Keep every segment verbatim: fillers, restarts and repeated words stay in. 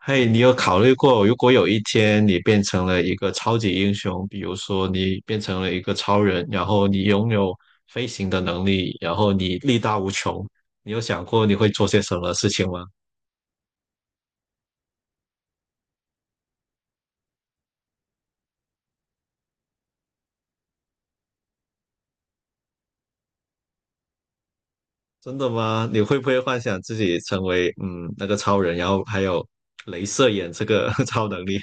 嘿，你有考虑过，如果有一天你变成了一个超级英雄，比如说你变成了一个超人，然后你拥有飞行的能力，然后你力大无穷，你有想过你会做些什么事情吗？真的吗？你会不会幻想自己成为嗯那个超人，然后还有镭射眼这个 超能力？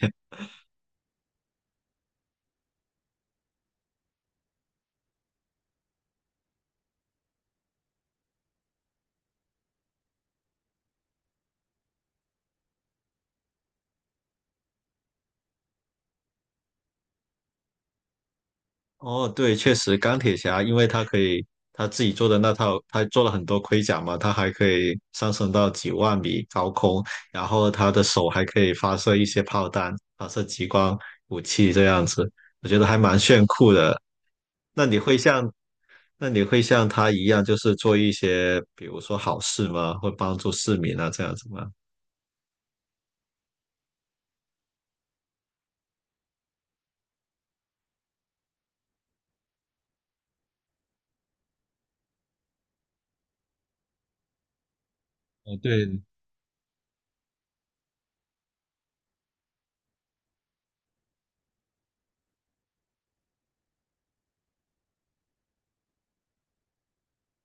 哦，对，确实，钢铁侠，因为他可以他自己做的那套，他做了很多盔甲嘛，他还可以上升到几万米高空，然后他的手还可以发射一些炮弹，发射激光武器这样子，我觉得还蛮炫酷的。那你会像那你会像他一样，就是做一些比如说好事吗？会帮助市民啊这样子吗？哦，对，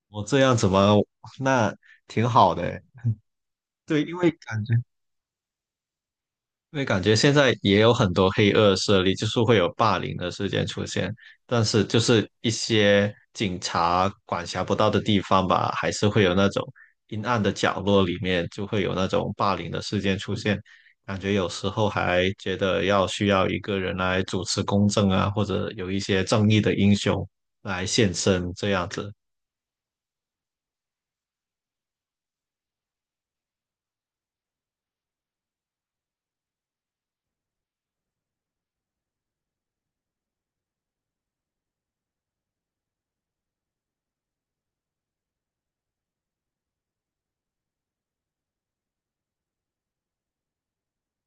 我这样子吗？那挺好的诶。对，因为感觉。因为感觉现在也有很多黑恶势力，就是会有霸凌的事件出现，但是就是一些警察管辖不到的地方吧，还是会有那种阴暗的角落里面就会有那种霸凌的事件出现，感觉有时候还觉得要需要一个人来主持公正啊，或者有一些正义的英雄来现身这样子。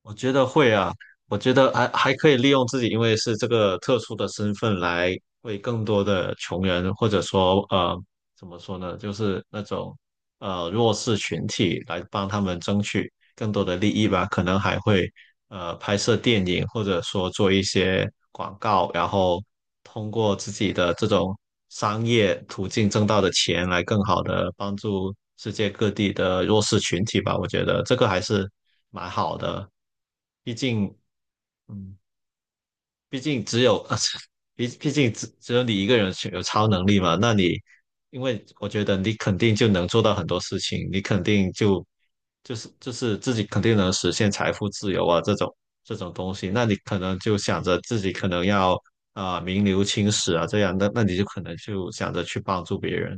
我觉得会啊，我觉得还还可以利用自己，因为是这个特殊的身份来为更多的穷人，或者说呃，怎么说呢，就是那种呃弱势群体来帮他们争取。更多的利益吧，可能还会呃拍摄电影，或者说做一些广告，然后通过自己的这种商业途径挣到的钱来更好的帮助世界各地的弱势群体吧。我觉得这个还是蛮好的，毕竟，嗯，毕竟只有，毕毕竟只只有你一个人是有超能力嘛，那你。因为我觉得你肯定就能做到很多事情，你肯定就就是就是自己肯定能实现财富自由啊，这种这种东西，那你可能就想着自己可能要啊、名留青史啊，这样，那那你就可能就想着去帮助别人。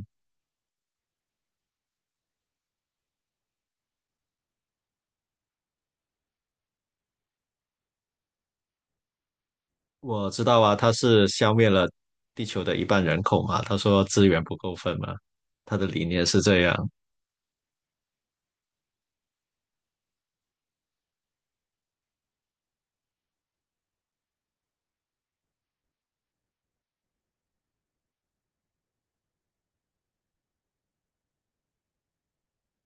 我知道啊，他是消灭了地球的一半人口嘛，他说资源不够分嘛，他的理念是这样。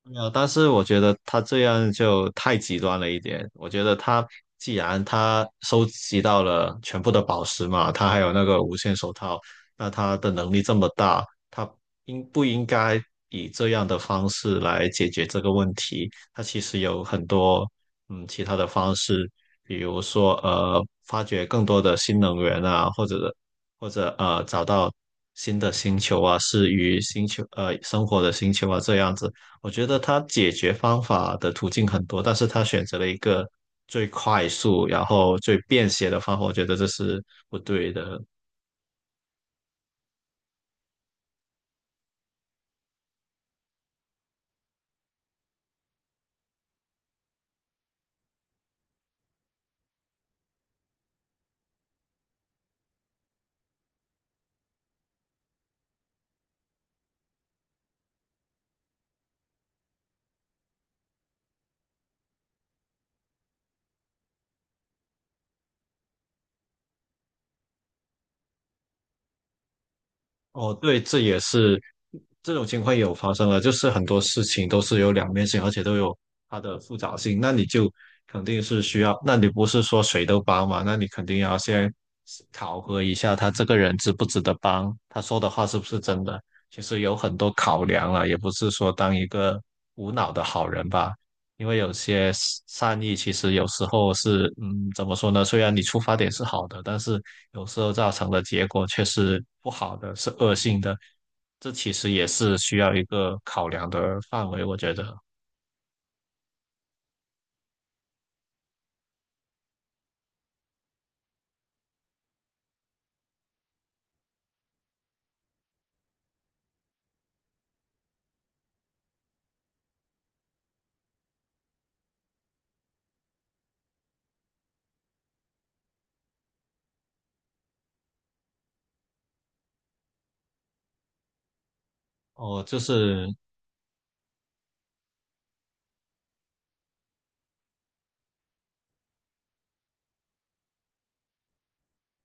没有，但是我觉得他这样就太极端了一点。我觉得他既然他收集到了全部的宝石嘛，他还有那个无限手套，那他的能力这么大，他应不应该以这样的方式来解决这个问题？他其实有很多嗯其他的方式，比如说呃发掘更多的新能源啊，或者或者呃找到新的星球啊，适于星球呃生活的星球啊这样子。我觉得他解决方法的途径很多，但是他选择了一个最快速，然后最便携的方法，我觉得这是不对的。哦，对，这也是这种情况也有发生了，就是很多事情都是有两面性，而且都有它的复杂性。那你就肯定是需要，那你不是说谁都帮嘛？那你肯定要先考核一下他这个人值不值得帮，他说的话是不是真的。其实有很多考量了，也不是说当一个无脑的好人吧。因为有些是善意其实有时候是，嗯，怎么说呢？虽然你出发点是好的，但是有时候造成的结果却是不好的，是恶性的。这其实也是需要一个考量的范围，我觉得。哦，就是，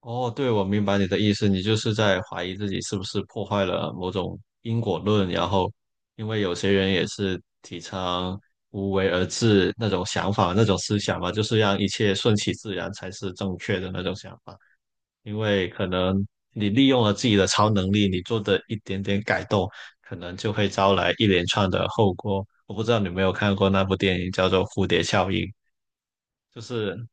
哦，对，我明白你的意思，你就是在怀疑自己是不是破坏了某种因果论，然后因为有些人也是提倡无为而治那种想法、那种思想嘛，就是让一切顺其自然才是正确的那种想法。因为可能你利用了自己的超能力，你做的一点点改动，可能就会招来一连串的后果。我不知道你有没有看过那部电影，叫做《蝴蝶效应》，就是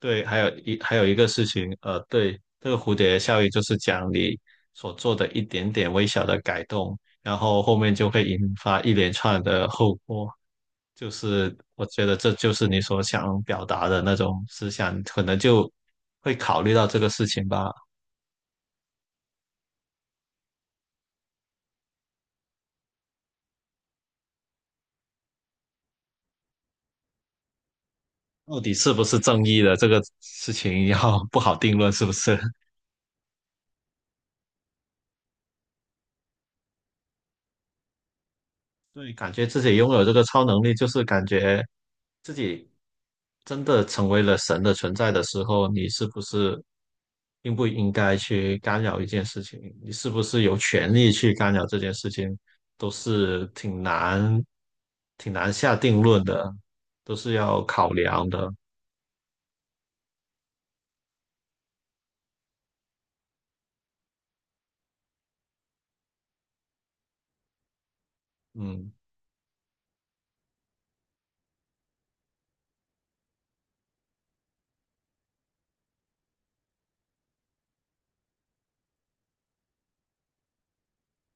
对，还有一还有一个事情，呃，对，这个蝴蝶效应就是讲你所做的一点点微小的改动，然后后面就会引发一连串的后果。就是我觉得这就是你所想表达的那种思想，可能就会考虑到这个事情吧。到底是不是正义的这个事情要不好定论，是不是？对，感觉自己拥有这个超能力，就是感觉真的成为了神的存在的时候，你是不是应不应该去干扰一件事情？你是不是有权利去干扰这件事情，都是挺难、挺难下定论的，都是要考量的。嗯。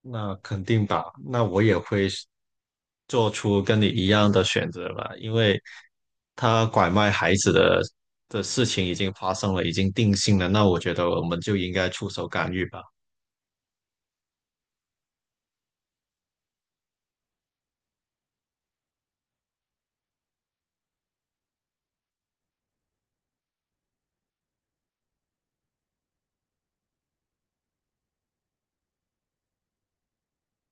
那肯定吧，那我也会是做出跟你一样的选择吧，因为他拐卖孩子的的事情已经发生了，已经定性了，那我觉得我们就应该出手干预吧。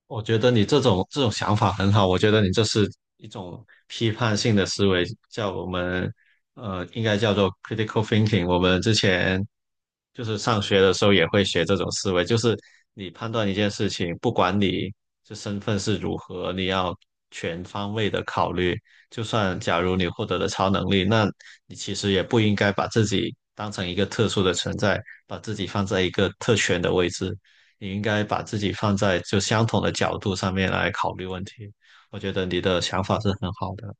我觉得你这种这种想法很好，我觉得你这是一种批判性的思维，叫我们呃，应该叫做 critical thinking。我们之前就是上学的时候也会学这种思维，就是你判断一件事情，不管你这身份是如何，你要全方位的考虑。就算假如你获得了超能力，那你其实也不应该把自己当成一个特殊的存在，把自己放在一个特权的位置。你应该把自己放在就相同的角度上面来考虑问题。我觉得你的想法是很好的。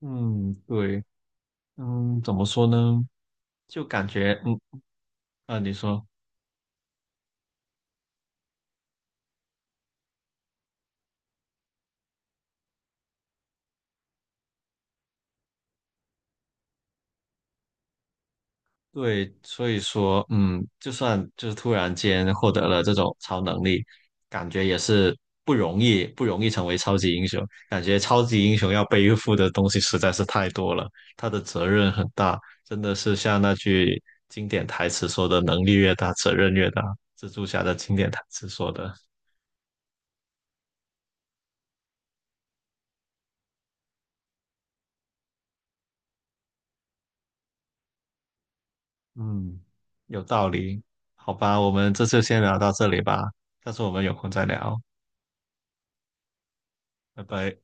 嗯，对，嗯，怎么说呢？就感觉，嗯，啊，你说，对，所以说，嗯，就算就是突然间获得了这种超能力，感觉也是不容易，不容易成为超级英雄。感觉超级英雄要背负的东西实在是太多了，他的责任很大，真的是像那句经典台词说的：“能力越大，责任越大。”蜘蛛侠的经典台词说的，嗯，有道理。好吧，我们这次先聊到这里吧，下次我们有空再聊，拜拜。